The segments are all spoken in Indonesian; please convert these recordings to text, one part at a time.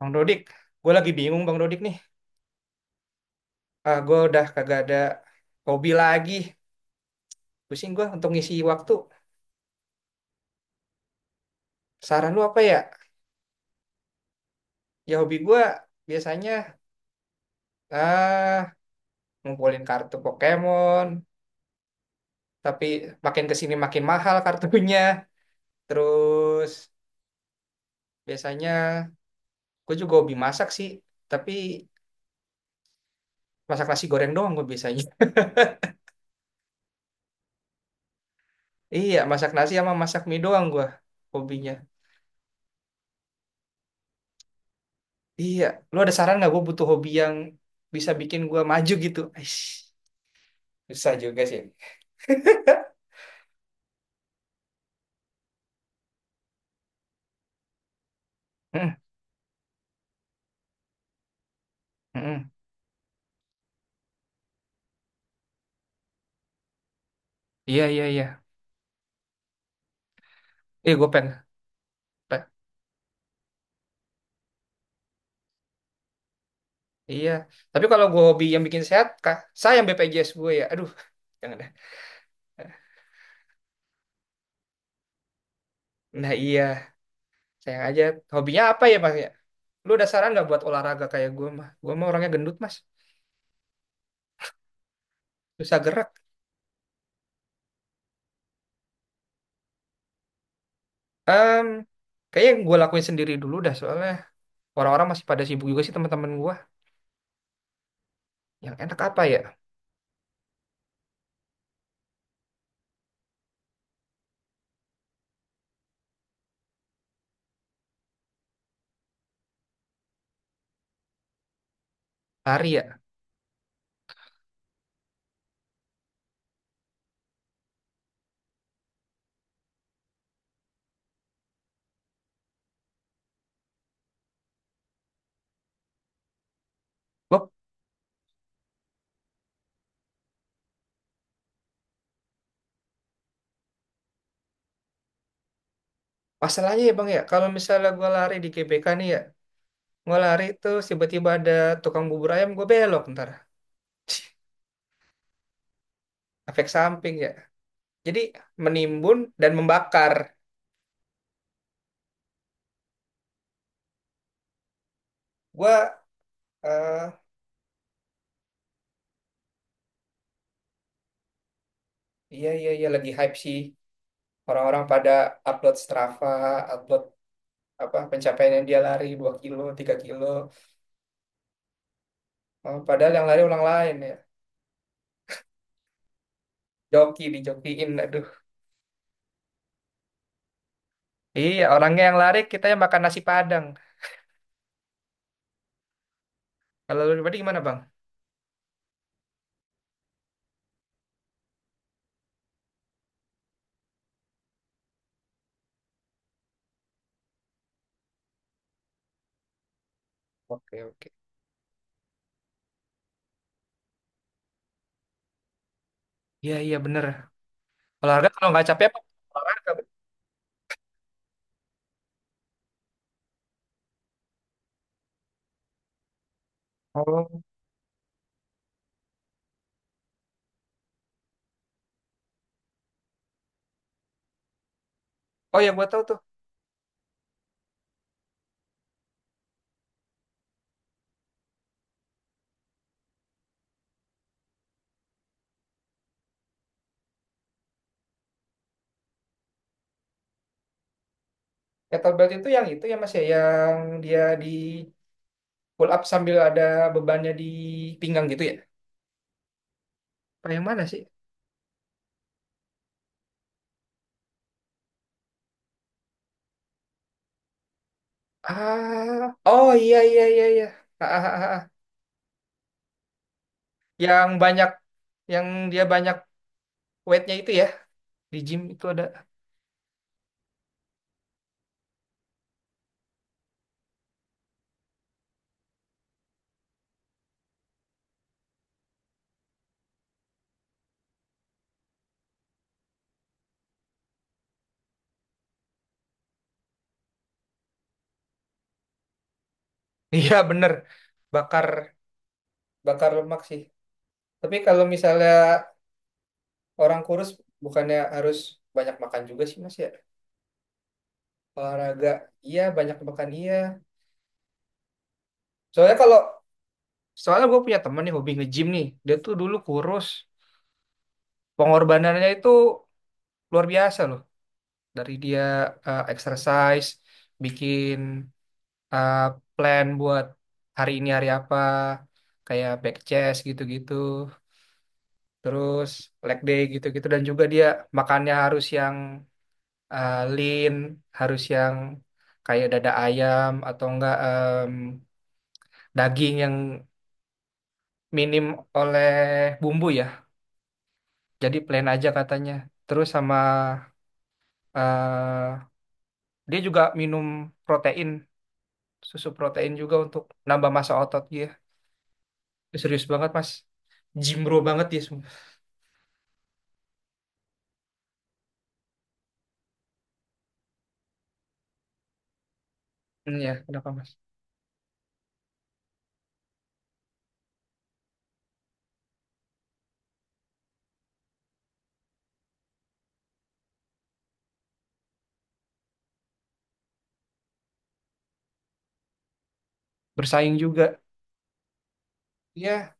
Bang Dodik, gue lagi bingung Bang Dodik nih. Ah, gue udah kagak ada hobi lagi. Pusing gue untuk ngisi waktu. Saran lu apa ya? Ya hobi gue biasanya ah ngumpulin kartu Pokemon, tapi makin kesini makin mahal kartunya. Terus biasanya gue juga hobi masak sih, tapi masak nasi goreng doang gue biasanya. Iya, masak nasi sama masak mie doang gue hobinya. Iya, lu ada saran nggak gue butuh hobi yang bisa bikin gue maju gitu? Aish. Susah juga sih. Mm, mm, mm. Iya, iya, iya. Eh, gue pengen. pe- Iya. Tapi kalau gue hobi yang bikin sehat, kah? Sayang BPJS gue ya. Aduh, jangan deh. Nah, iya. Sayang aja. Hobinya apa ya, Mas? Ya? Lu ada saran nggak buat olahraga kayak gue, mah? Gue mah orangnya gendut, Mas. Susah gerak. Em, kayaknya yang gue lakuin sendiri dulu dah, soalnya orang-orang masih pada sibuk juga sih teman-teman gue. Yang enak apa ya? Lari ya. Gue Masalahnya ya, Bang, ya. Kalau misalnya gue lari di GBK nih ya, gue lari terus tiba-tiba ada tukang bubur ayam, gue belok ntar. Efek samping ya. Jadi menimbun dan membakar. Gua eh iya, iya, iya, lagi hype sih, orang-orang pada upload Strava, upload apa pencapaian yang dia lari 2 kilo, 3 kilo. Eh, padahal yang lari orang lain ya. Joki dijokiin aduh. Iya, orangnya yang lari kita yang makan nasi Padang. Kalau lu pribadi gimana, Bang? Oke, oke. Iya, iya bener. Olahraga kalau nggak capek apa? Olahraga, Bang. Oh. Oh ya, gua tahu tuh. Kettlebell itu yang itu ya Mas ya, yang dia di pull up sambil ada bebannya di pinggang gitu ya, apa yang mana sih, ah, oh, iya, iya, iya, iya, ah, ah, ah, ah. Yang banyak, yang dia banyak weightnya itu ya di gym itu ada. Iya bener. Bakar, bakar lemak sih, tapi kalau misalnya orang kurus bukannya harus banyak makan juga sih mas ya olahraga. Iya, banyak makan iya. soalnya kalau soalnya gue punya temen nih hobi nge-gym nih, dia tuh dulu kurus. Pengorbanannya itu luar biasa loh. Dari dia exercise, bikin eh, plan buat hari ini hari apa, kayak back chest gitu-gitu, terus leg day gitu-gitu, dan juga dia makannya harus yang lean, harus yang kayak dada ayam atau enggak daging yang minim oleh bumbu ya. Jadi plain aja katanya. Terus sama eh, dia juga minum protein, susu protein juga untuk nambah massa otot dia. Dia serius banget mas, jimbro banget dia semua. Hmm, ya, kenapa mas? Bersaing juga. Ya,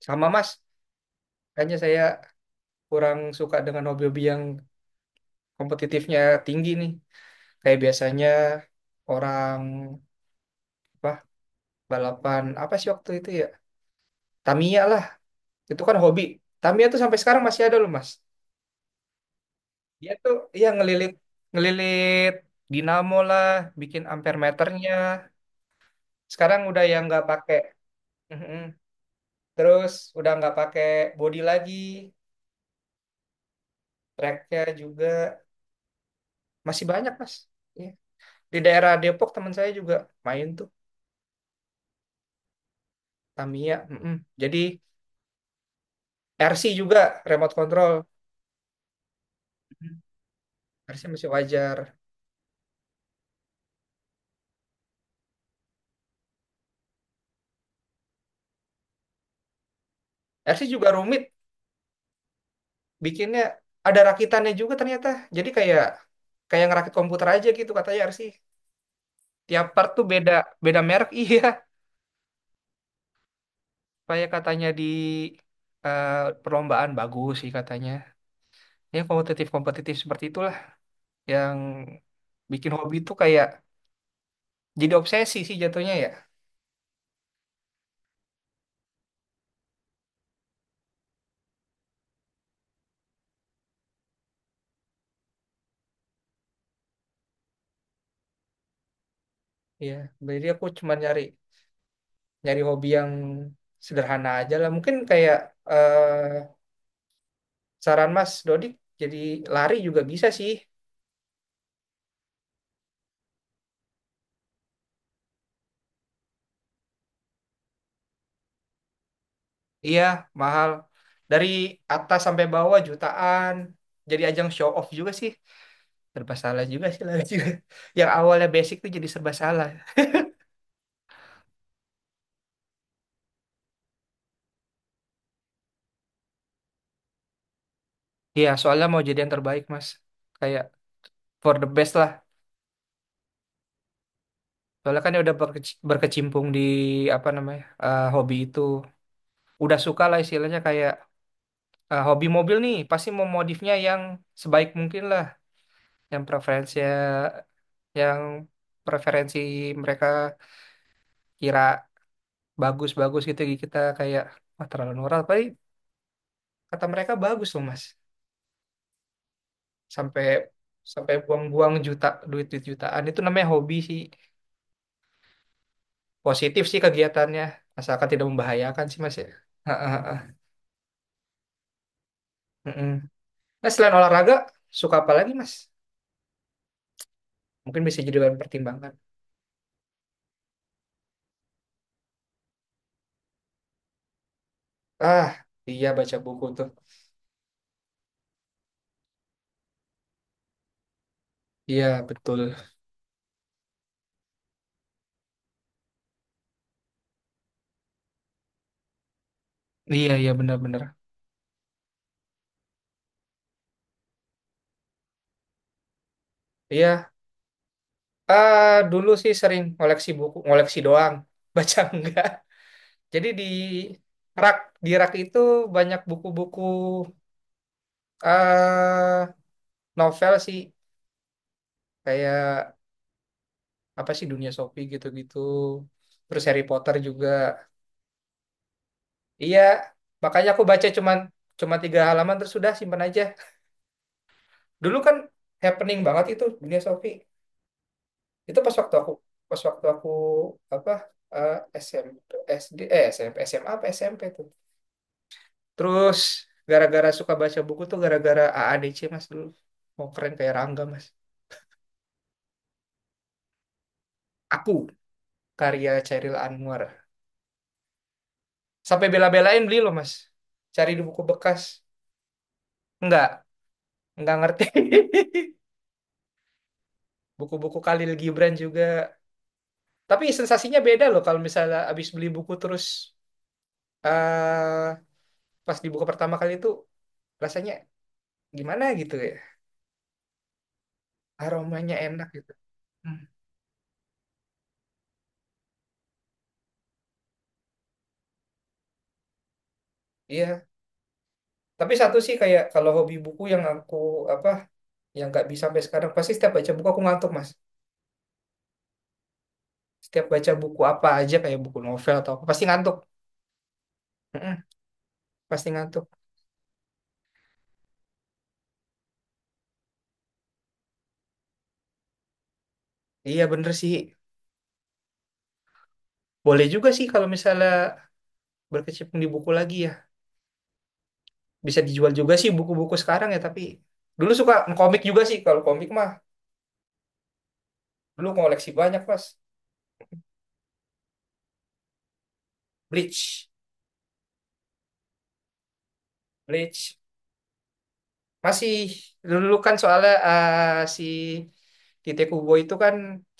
sama mas. Kayaknya saya kurang suka dengan hobi-hobi yang kompetitifnya tinggi nih. Kayak biasanya orang apa balapan apa sih waktu itu ya? Tamiya lah, itu kan hobi. Tamiya tuh sampai sekarang masih ada loh mas. Dia tuh ya ngelilit ngelilit dinamo lah, bikin ampermeternya. Sekarang udah yang nggak pakai. Mhm. Terus udah nggak pakai body lagi, tracknya juga masih banyak mas. Iya. Di daerah Depok teman saya juga main tuh Tamiya. Mm-mm. Jadi RC juga, remote control. RC masih wajar. RC juga rumit bikinnya, ada rakitannya juga ternyata. Jadi kayak kayak ngerakit komputer aja gitu katanya RC. Tiap part tuh beda beda merek. Iya. Kayak katanya di eh, perlombaan bagus sih katanya. Ya kompetitif kompetitif seperti itulah yang bikin hobi itu kayak jadi obsesi sih jatuhnya ya. Iya, jadi aku cuma nyari nyari hobi yang sederhana aja lah. Mungkin kayak eh, saran Mas Dodik, jadi lari juga bisa sih. Iya, mahal. Dari atas sampai bawah jutaan. Jadi ajang show off juga sih. Serba salah juga sih lari juga. Yang awalnya basic tuh jadi serba salah. Iya, soalnya mau jadi yang terbaik, Mas. Kayak for the best lah. Soalnya kan ya udah berkecimpung di apa namanya hobi itu. Udah suka lah istilahnya kayak hobi mobil nih pasti mau modifnya yang sebaik mungkin lah, yang preferensi yang preferensi mereka kira bagus-bagus gitu, kita kayak wah terlalu murah tapi kata mereka bagus loh mas. Sampai sampai buang-buang juta, duit, duit jutaan itu namanya hobi sih. Positif sih kegiatannya, asalkan tidak membahayakan sih mas ya. Ha, ha, ha. Mm-mm. Nah selain olahraga suka apa lagi mas, mungkin bisa jadi bahan pertimbangan. Ah, iya, baca buku tuh. Iya, betul. Iya, iya benar-benar. Iya, ah dulu sih sering ngoleksi buku, ngoleksi doang, baca enggak. Jadi di rak, di rak itu banyak buku-buku eh novel sih, kayak apa sih Dunia Sophie gitu-gitu. Terus Harry Potter juga. Iya, makanya aku baca cuma 3 halaman terus sudah simpan aja. Dulu kan happening banget itu Dunia Sophie. Itu pas waktu aku apa eh, SMP s SD eh SMP SMA apa SMP tuh. Terus gara-gara suka baca buku tuh gara-gara AADC Mas dulu. Mau keren kayak Rangga Mas. Aku karya Chairil Anwar. Sampai bela-belain beli loh Mas. Cari di buku bekas. Enggak, enggak ngerti. Buku-buku Khalil Gibran juga. Tapi sensasinya beda loh kalau misalnya abis beli buku terus eh pas dibuka pertama kali itu rasanya gimana gitu ya? Aromanya enak gitu. Hmm, Iya, tapi satu sih kayak kalau hobi buku yang aku apa yang nggak bisa sampai sekarang, pasti setiap baca buku aku ngantuk mas. Setiap baca buku apa aja kayak buku novel atau apa pasti ngantuk. Mm-mm, pasti ngantuk. Iya bener sih. Boleh juga sih kalau misalnya berkecimpung di buku lagi ya. Bisa dijual juga sih buku-buku sekarang ya, tapi dulu suka komik juga sih, kalau komik mah dulu koleksi banyak mas. Bleach. Bleach. Masih dulu kan soalnya si Tite Kubo itu kan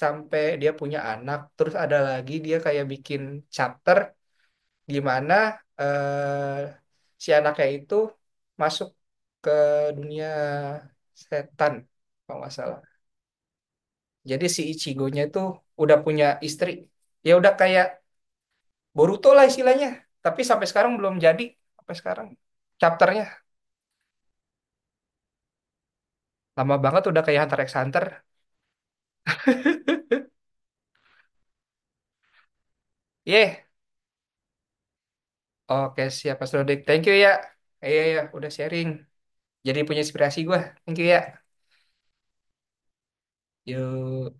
sampai dia punya anak, terus ada lagi dia kayak bikin chapter di mana eh, si anaknya itu masuk ke dunia setan kalau nggak salah. Jadi si Ichigo-nya itu udah punya istri. Ya udah kayak Boruto lah istilahnya, tapi sampai sekarang belum jadi sampai sekarang chapternya. Lama banget udah kayak Hunter x Hunter. Yeh. Oke, siap Mas Rodik. Thank you ya. Iya, iya, udah sharing. Jadi punya inspirasi gue. Thank you ya. Yuk.